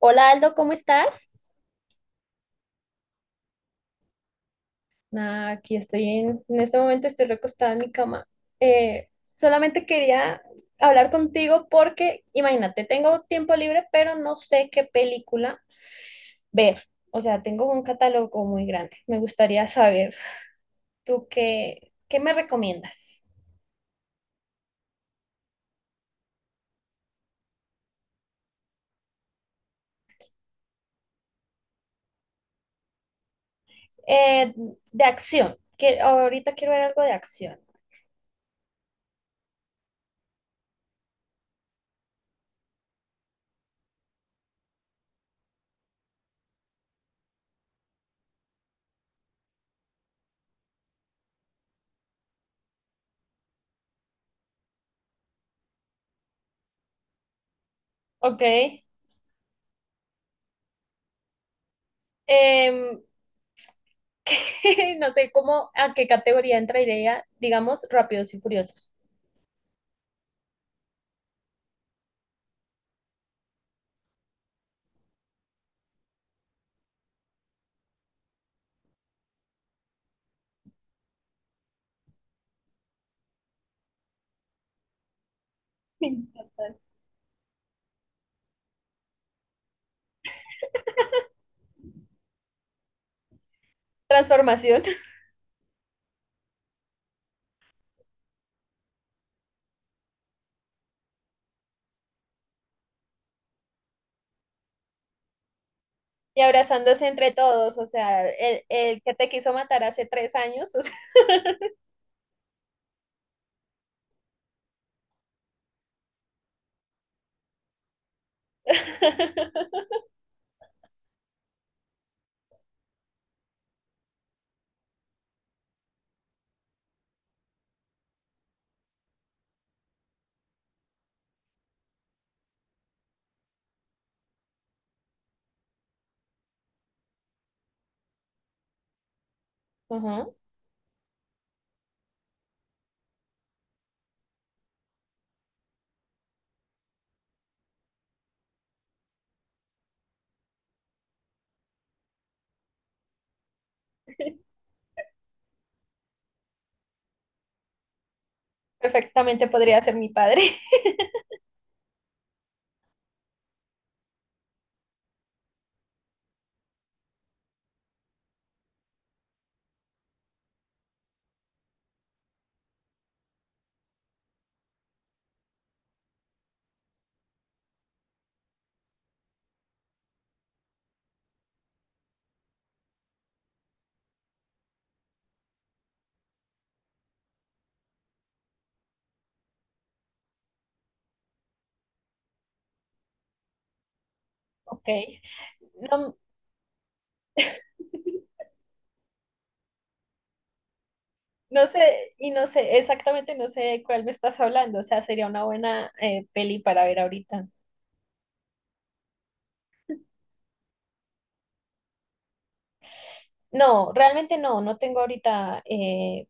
Hola Aldo, ¿cómo estás? Nada, aquí estoy en este momento estoy recostada en mi cama. Solamente quería hablar contigo porque, imagínate, tengo tiempo libre, pero no sé qué película ver. O sea, tengo un catálogo muy grande. Me gustaría saber, ¿tú qué me recomiendas? Eh, de acción. Que ahorita quiero ver algo de acción. Ok. Em, no sé cómo, a qué categoría entraría, digamos, Rápidos y Furiosos. Sí, total. Transformación y abrazándose entre todos, o sea, el que te quiso matar hace 3 años, o sea. Ujú, perfectamente podría ser mi padre. Ok. No, no sé, y no sé, exactamente no sé de cuál me estás hablando, o sea, sería una buena peli para ver ahorita. No, realmente no, no tengo ahorita.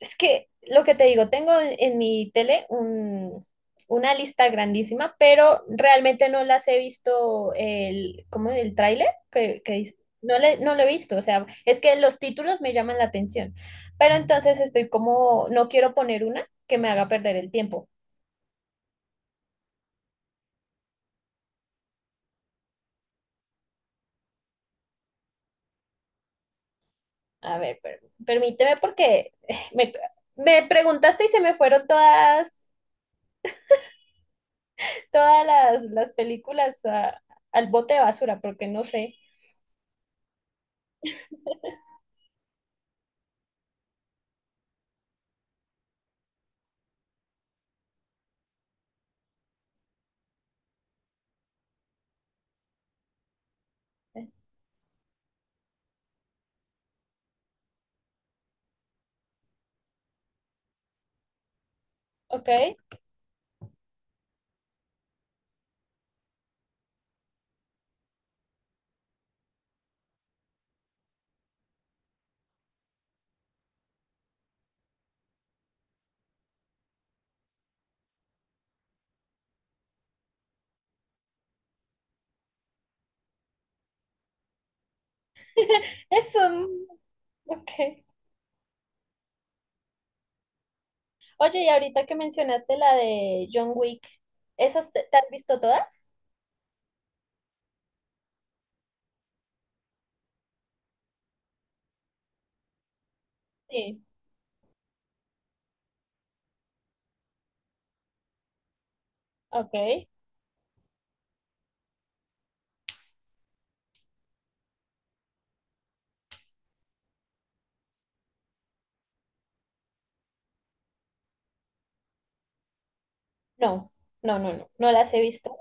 Es que lo que te digo, tengo en mi tele una lista grandísima, pero realmente no las he visto el, ¿cómo? El tráiler que dice. No, no lo he visto, o sea, es que los títulos me llaman la atención, pero entonces estoy como, no quiero poner una que me haga perder el tiempo. A ver, permíteme porque me preguntaste y se me fueron todas, todas las películas al bote de basura, porque no sé. Ok, eso, ok. Oye, y ahorita que mencionaste la de John Wick, ¿esas te has visto todas? Sí. Ok. No, no, no, no, no las he visto.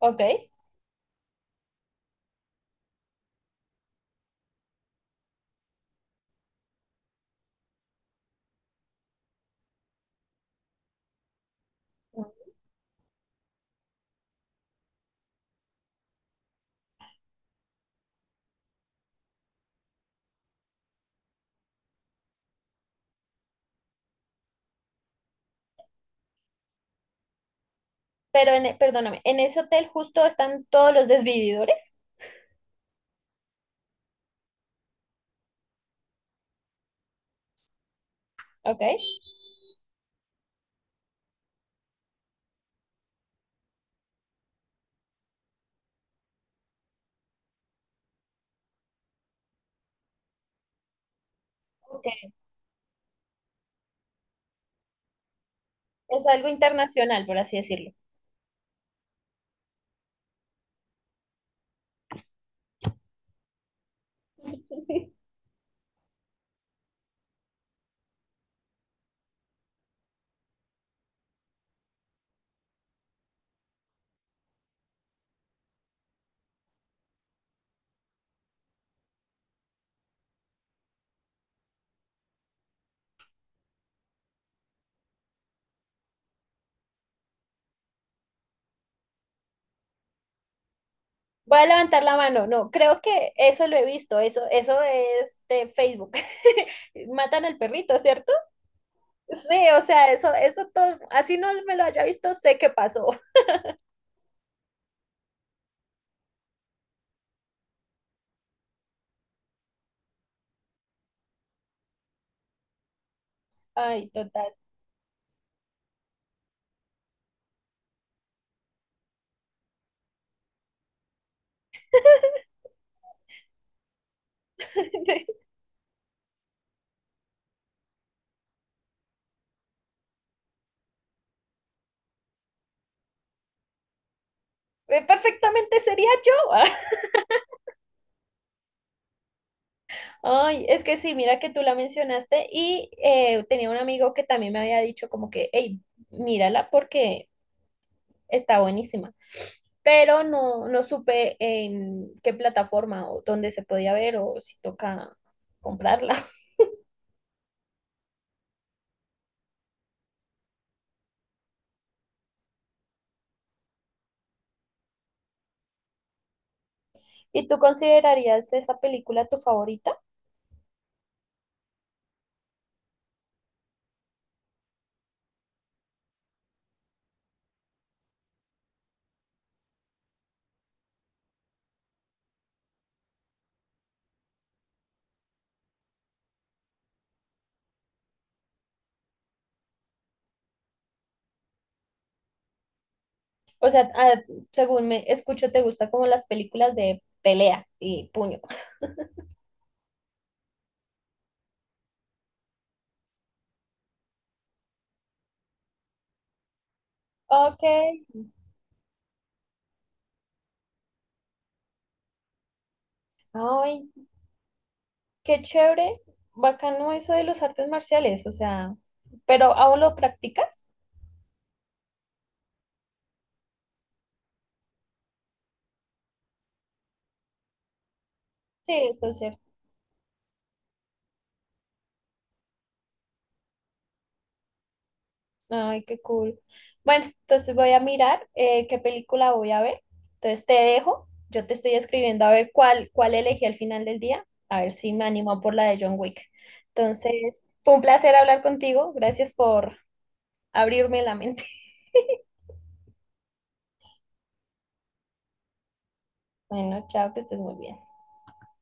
Ok. Pero, perdóname, ¿en ese hotel justo están todos los desvividores? Ok. Ok. Es algo internacional, por así decirlo. Voy a levantar la mano. No, creo que eso lo he visto. Eso es de Facebook. Matan al perrito, ¿cierto? Sí, o sea, eso todo, así no me lo haya visto, sé qué pasó. Ay, totalmente. Perfectamente sería yo. Ay, es que sí, mira que tú la mencionaste y tenía un amigo que también me había dicho como que, hey, mírala porque está buenísima, pero no, no supe en qué plataforma o dónde se podía ver o si toca comprarla. ¿Y tú considerarías esa película tu favorita? O sea, ah, según me escucho, te gusta como las películas de pelea y puño. Ok. Ay, qué chévere. Bacano eso de los artes marciales, o sea, ¿pero aún lo practicas? Sí, eso es cierto. Ay, qué cool. Bueno, entonces voy a mirar qué película voy a ver. Entonces te dejo. Yo te estoy escribiendo a ver cuál elegí al final del día. A ver si me animo por la de John Wick. Entonces, fue un placer hablar contigo. Gracias por abrirme la mente. Bueno, chao, que estés muy bien.